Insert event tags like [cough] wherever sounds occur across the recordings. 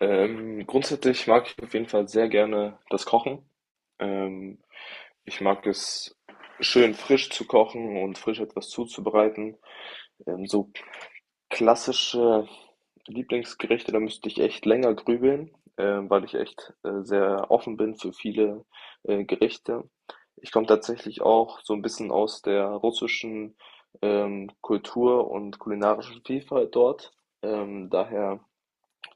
Grundsätzlich mag ich auf jeden Fall sehr gerne das Kochen. Ähm, Ich mag es schön frisch zu kochen und frisch etwas zuzubereiten. So klassische Lieblingsgerichte, da müsste ich echt länger grübeln, weil ich echt sehr offen bin für viele Gerichte. Ich komme tatsächlich auch so ein bisschen aus der russischen Kultur und kulinarischen Vielfalt dort. Daher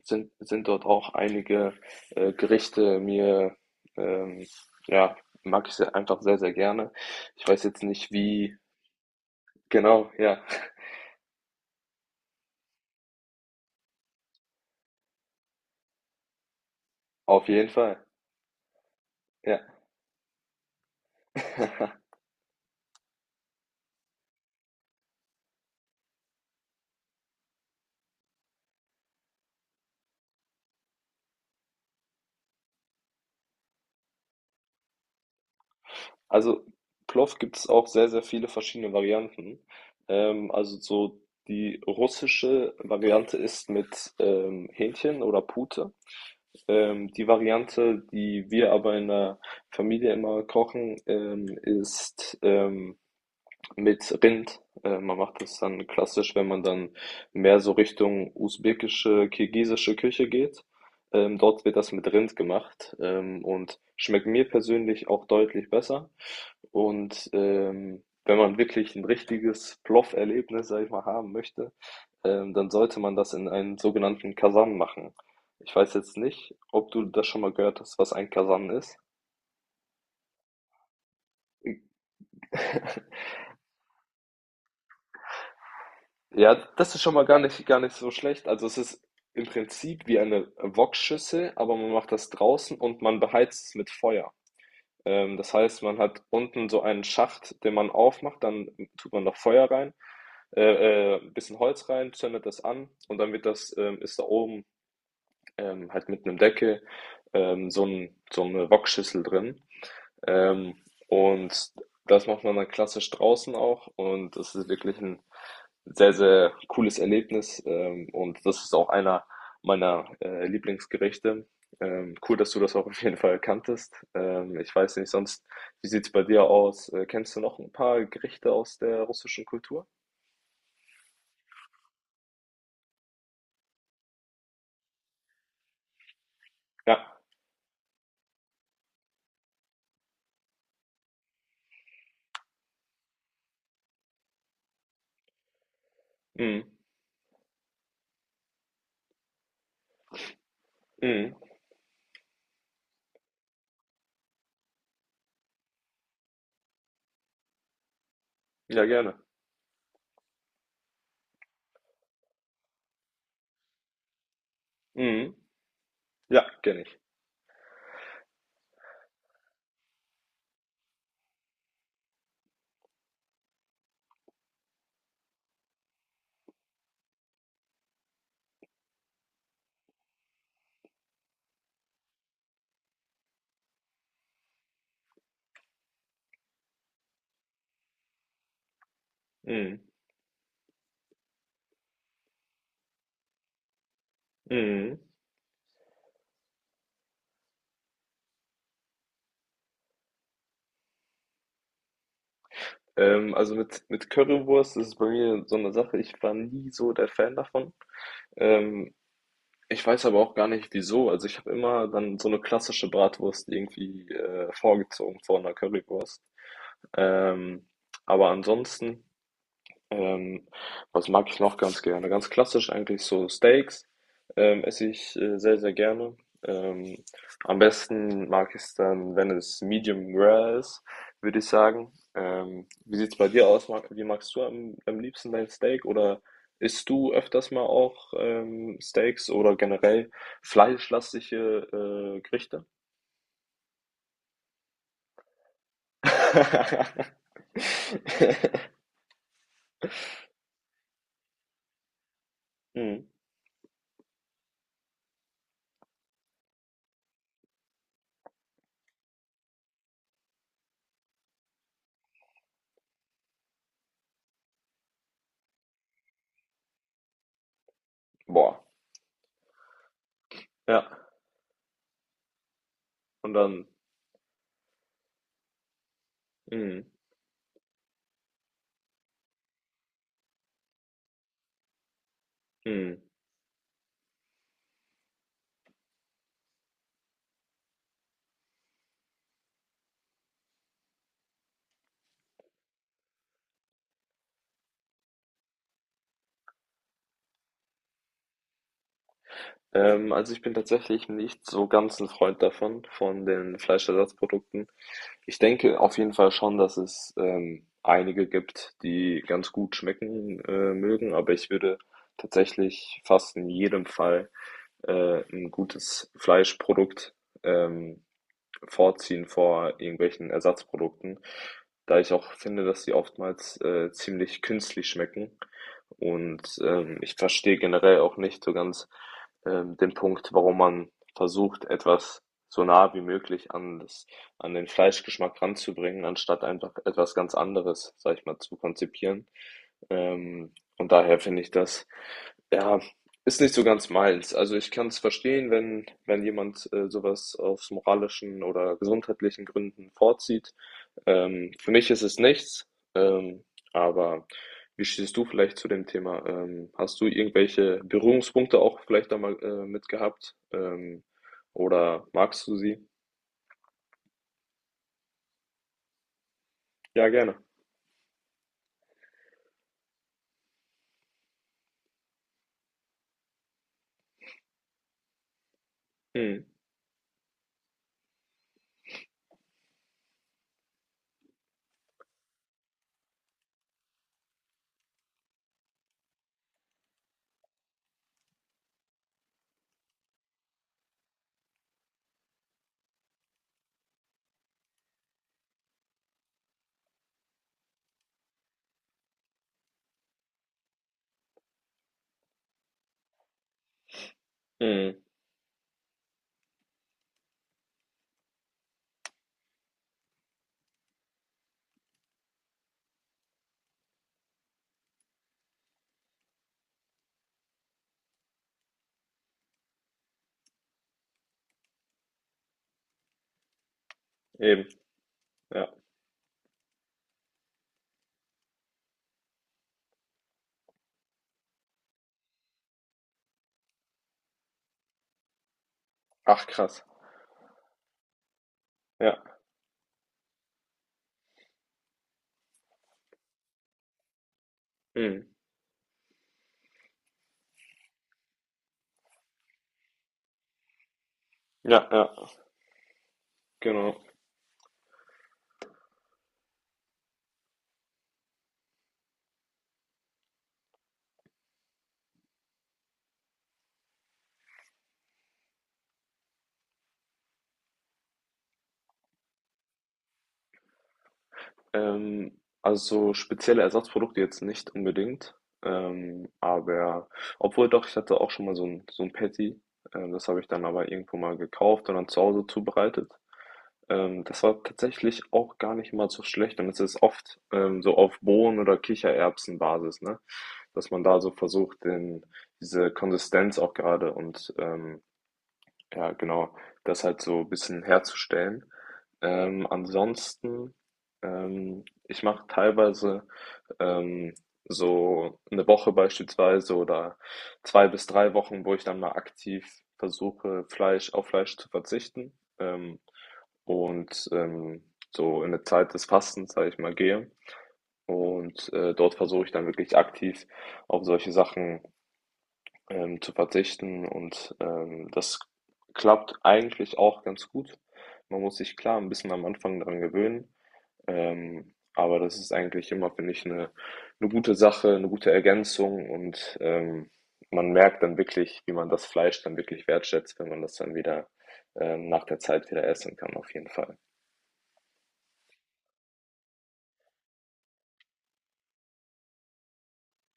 sind dort auch einige Gerichte mir, ähm, ja, mag ich sehr, einfach sehr, sehr gerne. Ich weiß jetzt nicht wie, genau, ja, auf jeden Fall, ja. [laughs] Also Plov gibt es auch sehr, sehr viele verschiedene Varianten. Also so die russische Variante ist mit Hähnchen oder Pute. Die Variante, die wir aber in der Familie immer kochen, ist mit Rind. Man macht das dann klassisch, wenn man dann mehr so Richtung usbekische, kirgisische Küche geht. Dort wird das mit Rind gemacht und schmeckt mir persönlich auch deutlich besser. Und wenn man wirklich ein richtiges Ploff-Erlebnis, sag ich mal, haben möchte, dann sollte man das in einen sogenannten Kasan machen. Ich weiß jetzt nicht, ob du das schon mal gehört hast, was ein Kasan ist. Ja, das ist schon mal gar nicht so schlecht. Also es ist im Prinzip wie eine Wokschüssel, aber man macht das draußen und man beheizt es mit Feuer. Das heißt, man hat unten so einen Schacht, den man aufmacht, dann tut man noch Feuer rein, ein bisschen Holz rein, zündet das an und dann wird das, ist da oben halt mit einem Deckel so eine Wokschüssel drin. Ähm, und das macht man dann klassisch draußen auch und das ist wirklich ein sehr, sehr cooles Erlebnis, und das ist auch einer meiner, Lieblingsgerichte. Cool, dass du das auch auf jeden Fall kanntest. Ich weiß nicht sonst, wie sieht's bei dir aus? Kennst du noch ein paar Gerichte aus der russischen Kultur? Ja. Mhm. Mhm. Ja, gerne. Mhm. Ja, kenne ich. Mhm. Mhm. Also mit Currywurst ist es bei mir so eine Sache, ich war nie so der Fan davon. Ähm, Ich weiß aber auch gar nicht wieso. Also ich habe immer dann so eine klassische Bratwurst irgendwie, vorgezogen vor einer Currywurst. Ähm, aber ansonsten ähm, was mag ich noch ganz gerne? Ganz klassisch eigentlich so Steaks esse ich sehr, sehr gerne. Ähm, am besten mag ich es dann, wenn es medium rare ist, würde ich sagen. Wie sieht es bei dir aus? Mag, wie magst du am, am liebsten dein Steak? Oder isst du öfters mal auch Steaks oder generell fleischlastige Gerichte? [laughs] Mhm. Boah, ja. Und dann. Mhm. Mhm. Also ich bin tatsächlich nicht so ganz ein Freund davon, von den Fleischersatzprodukten. Ich denke auf jeden Fall schon, dass es einige gibt, die ganz gut schmecken mögen, aber ich würde tatsächlich fast in jedem Fall ein gutes Fleischprodukt ähm, vorziehen vor irgendwelchen Ersatzprodukten, da ich auch finde, dass sie oftmals ziemlich künstlich schmecken. Und ich verstehe generell auch nicht so ganz den Punkt, warum man versucht, etwas so nah wie möglich an das, an den Fleischgeschmack ranzubringen, anstatt einfach etwas ganz anderes, sag ich mal, zu konzipieren. Und daher finde ich das ja ist nicht so ganz meins. Also ich kann es verstehen, wenn, wenn jemand sowas aus moralischen oder gesundheitlichen Gründen vorzieht. Für mich ist es nichts. Ähm, aber wie stehst du vielleicht zu dem Thema? Hast du irgendwelche Berührungspunkte auch vielleicht da mal mit gehabt? Oder magst du sie? Ja, gerne. Mhm. Mhm. Eben. Ja. Ach, krass. Ja. Mhm. Ja, ja. Genau. Ähm, also spezielle Ersatzprodukte jetzt nicht unbedingt. Aber obwohl doch, ich hatte auch schon mal so ein Patty. Das habe ich dann aber irgendwo mal gekauft und dann zu Hause zubereitet. Das war tatsächlich auch gar nicht mal so schlecht. Und es ist oft so auf Bohnen- oder Kichererbsenbasis, ne? Dass man da so versucht, den, diese Konsistenz auch gerade und ja, genau. Das halt so ein bisschen herzustellen. Ansonsten, ich mache teilweise ähm, so eine Woche beispielsweise oder zwei bis drei Wochen, wo ich dann mal aktiv versuche, Fleisch auf Fleisch zu verzichten ähm, und so in eine Zeit des Fastens, sage ich mal, gehe. Und dort versuche ich dann wirklich aktiv auf solche Sachen zu verzichten und das klappt eigentlich auch ganz gut. Man muss sich klar ein bisschen am Anfang daran gewöhnen, aber das ist eigentlich immer, finde ich, eine gute Sache, eine gute Ergänzung und man merkt dann wirklich, wie man das Fleisch dann wirklich wertschätzt, wenn man das dann wieder nach der Zeit wieder essen kann, auf jeden Fall.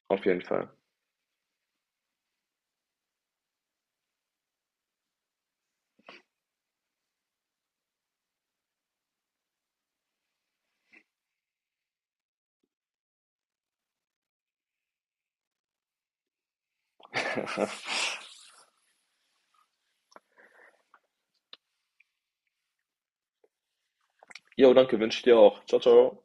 Auf jeden Fall. [laughs] Jo, danke, wünsche ich dir auch. Ciao, ciao.